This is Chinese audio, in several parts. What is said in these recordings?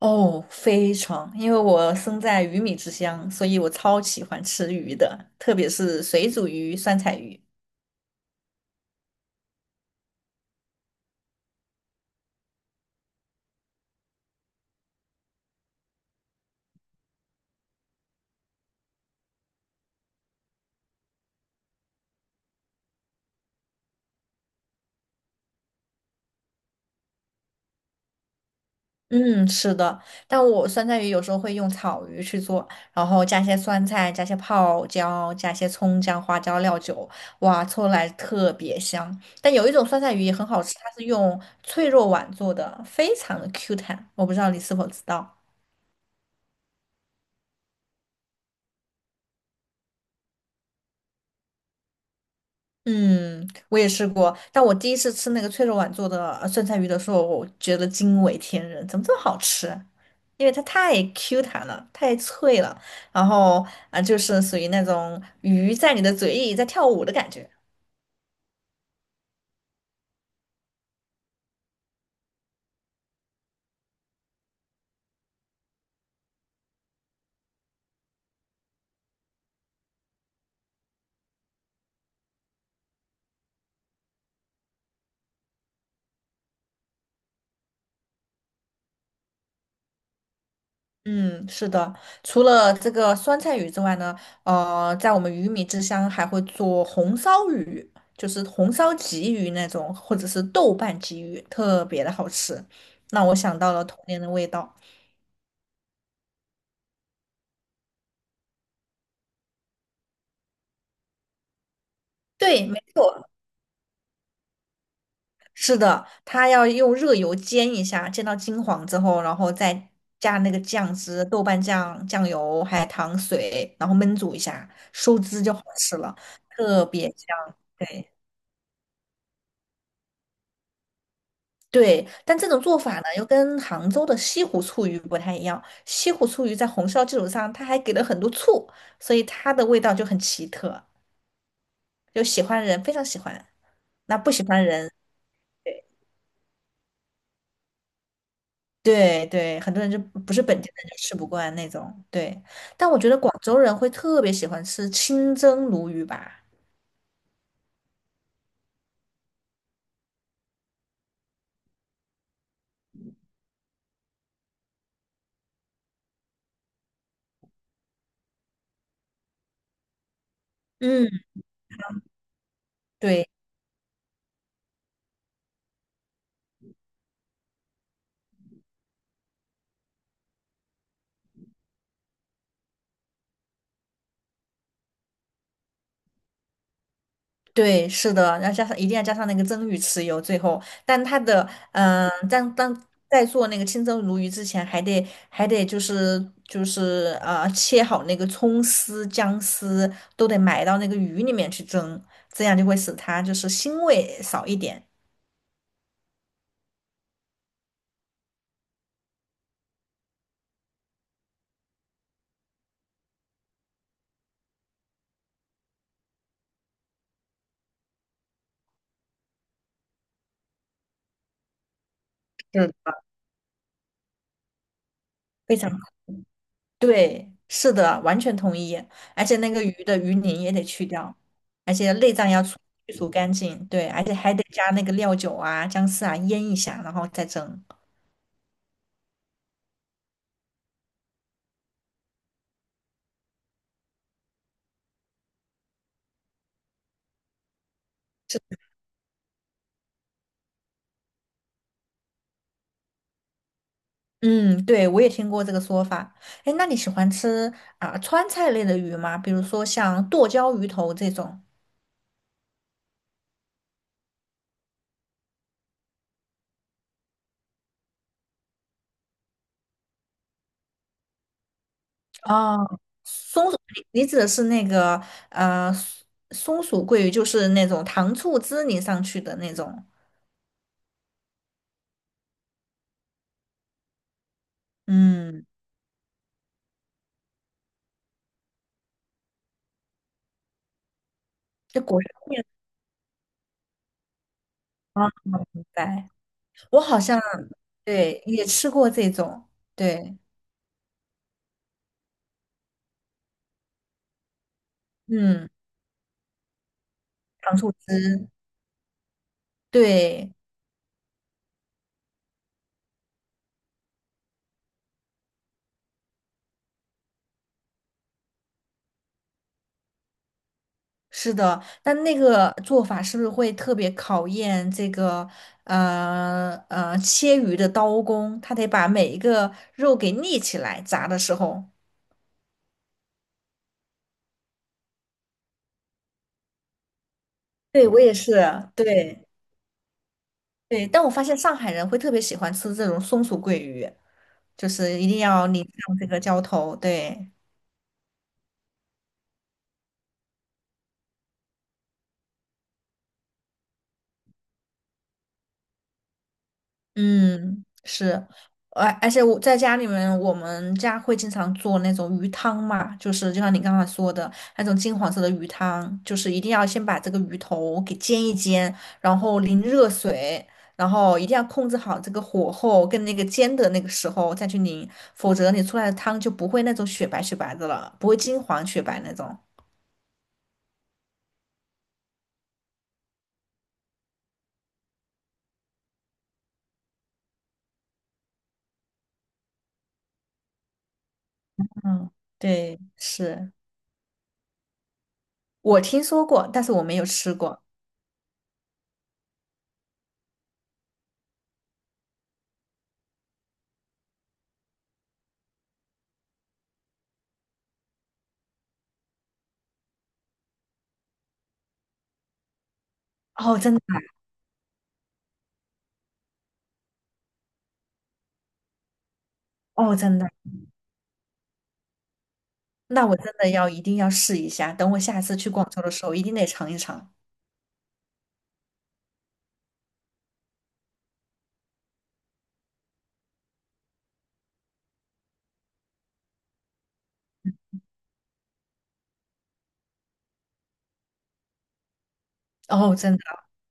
哦，非常，因为我生在鱼米之乡，所以我超喜欢吃鱼的，特别是水煮鱼、酸菜鱼。嗯，是的，但我酸菜鱼有时候会用草鱼去做，然后加些酸菜，加些泡椒，加些葱姜花椒料酒，哇，凑出来特别香。但有一种酸菜鱼也很好吃，它是用脆肉皖做的，非常的 Q 弹，我不知道你是否知道。嗯，我也试过，但我第一次吃那个脆肉碗做的酸菜鱼的时候，我觉得惊为天人，怎么这么好吃？因为它太 Q 弹了，太脆了，然后就是属于那种鱼在你的嘴里在跳舞的感觉。嗯，是的，除了这个酸菜鱼之外呢，在我们鱼米之乡还会做红烧鱼，就是红烧鲫鱼那种，或者是豆瓣鲫鱼，特别的好吃，让我想到了童年的味道。对，没错。是的，它要用热油煎一下，煎到金黄之后，然后再加那个酱汁、豆瓣酱、酱油、还有糖水，然后焖煮一下，收汁就好吃了，特别香。对对，但这种做法呢，又跟杭州的西湖醋鱼不太一样。西湖醋鱼在红烧基础上，它还给了很多醋，所以它的味道就很奇特，有喜欢的人非常喜欢，那不喜欢的人。对对对，很多人就不是本地人就吃不惯那种。对，但我觉得广州人会特别喜欢吃清蒸鲈鱼吧。嗯，对对，是的，要加上一定要加上那个蒸鱼豉油，最后，但它的嗯、呃，当当在做那个清蒸鲈鱼之前，还得就是切好那个葱丝、姜丝都得埋到那个鱼里面去蒸，这样就会使它就是腥味少一点，嗯，非常。对，是的，完全同意。而且那个鱼的鱼鳞也得去掉，而且内脏要去除干净。对，而且还得加那个料酒啊、姜丝啊腌一下，然后再蒸。嗯，对，我也听过这个说法。哎，那你喜欢吃川菜类的鱼吗？比如说像剁椒鱼头这种。哦，松鼠，你指的是那个呃松松鼠桂鱼，就是那种糖醋汁淋上去的那种。嗯，就裹上面啊，明白。我好像对也吃过这种，对，嗯，糖醋汁，对，是的。但那个做法是不是会特别考验这个切鱼的刀工？他得把每一个肉给立起来，炸的时候。对，我也是，对对。但我发现上海人会特别喜欢吃这种松鼠桂鱼，就是一定要淋上这个浇头，对。嗯，是，而且我在家里面，我们家会经常做那种鱼汤嘛，就是就像你刚才说的那种金黄色的鱼汤，就是一定要先把这个鱼头给煎一煎，然后淋热水，然后一定要控制好这个火候跟那个煎的那个时候再去淋，否则你出来的汤就不会那种雪白雪白的了，不会金黄雪白那种。嗯，对，是我听说过，但是我没有吃过。哦，真的啊哦，真的啊。那我真的要一定要试一下，等我下次去广州的时候，一定得尝一尝。哦，真的，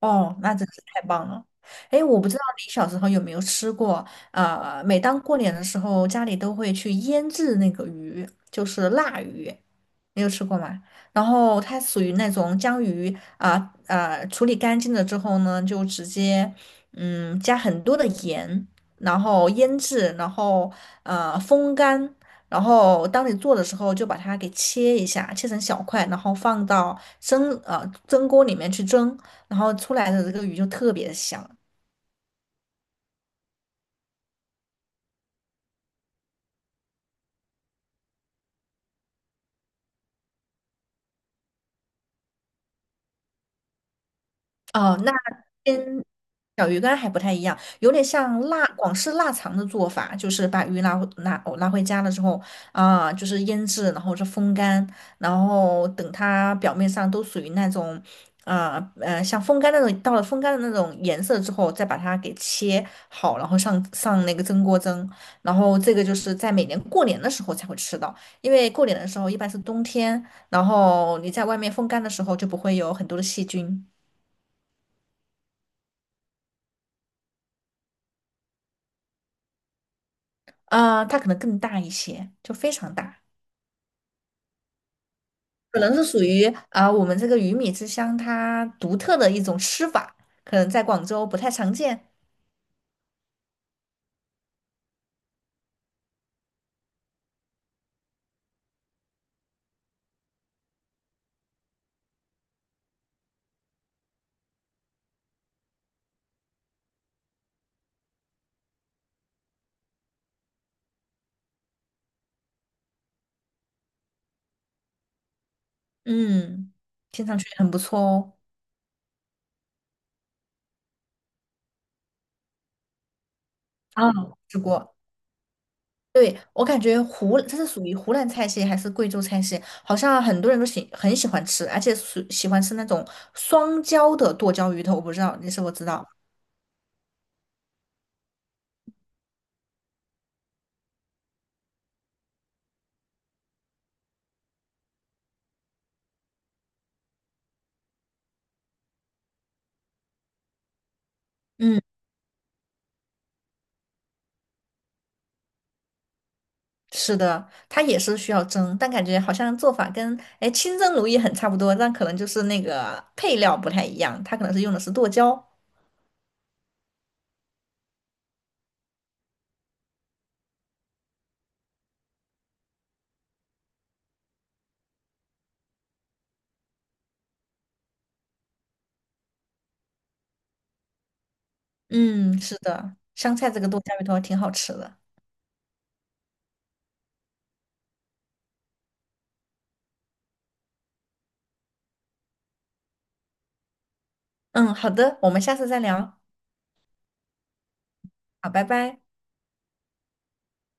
哦，那真是太棒了。哎，我不知道你小时候有没有吃过，每当过年的时候，家里都会去腌制那个鱼，就是腊鱼，你有吃过吗？然后它属于那种将鱼,处理干净了之后呢，就直接加很多的盐，然后腌制，然后风干。然后当你做的时候，就把它给切一下，切成小块，然后放到蒸锅里面去蒸，然后出来的这个鱼就特别香。哦，那跟小鱼干还不太一样，有点像腊广式腊肠的做法，就是把鱼拿回拉拉回家了之后就是腌制，然后是风干，然后等它表面上都属于那种，啊像风干那种，到了风干的那种颜色之后，再把它给切好，然后上那个蒸锅蒸，然后这个就是在每年过年的时候才会吃到，因为过年的时候一般是冬天，然后你在外面风干的时候就不会有很多的细菌。啊，它可能更大一些，就非常大，可能是属于我们这个鱼米之乡它独特的一种吃法，可能在广州不太常见。嗯，听上去很不错哦，啊，吃过。对，我感觉湖这是属于湖南菜系还是贵州菜系，好像很多人都很喜欢吃，而且喜欢吃那种双椒的剁椒鱼头，我不知道你是否知道？嗯。是的，它也是需要蒸，但感觉好像做法跟哎清蒸鲈鱼很差不多，但可能就是那个配料不太一样，它可能是用的是剁椒。嗯，是的，香菜这个剁椒鱼头挺好吃的。嗯，好的，我们下次再聊。好，拜拜。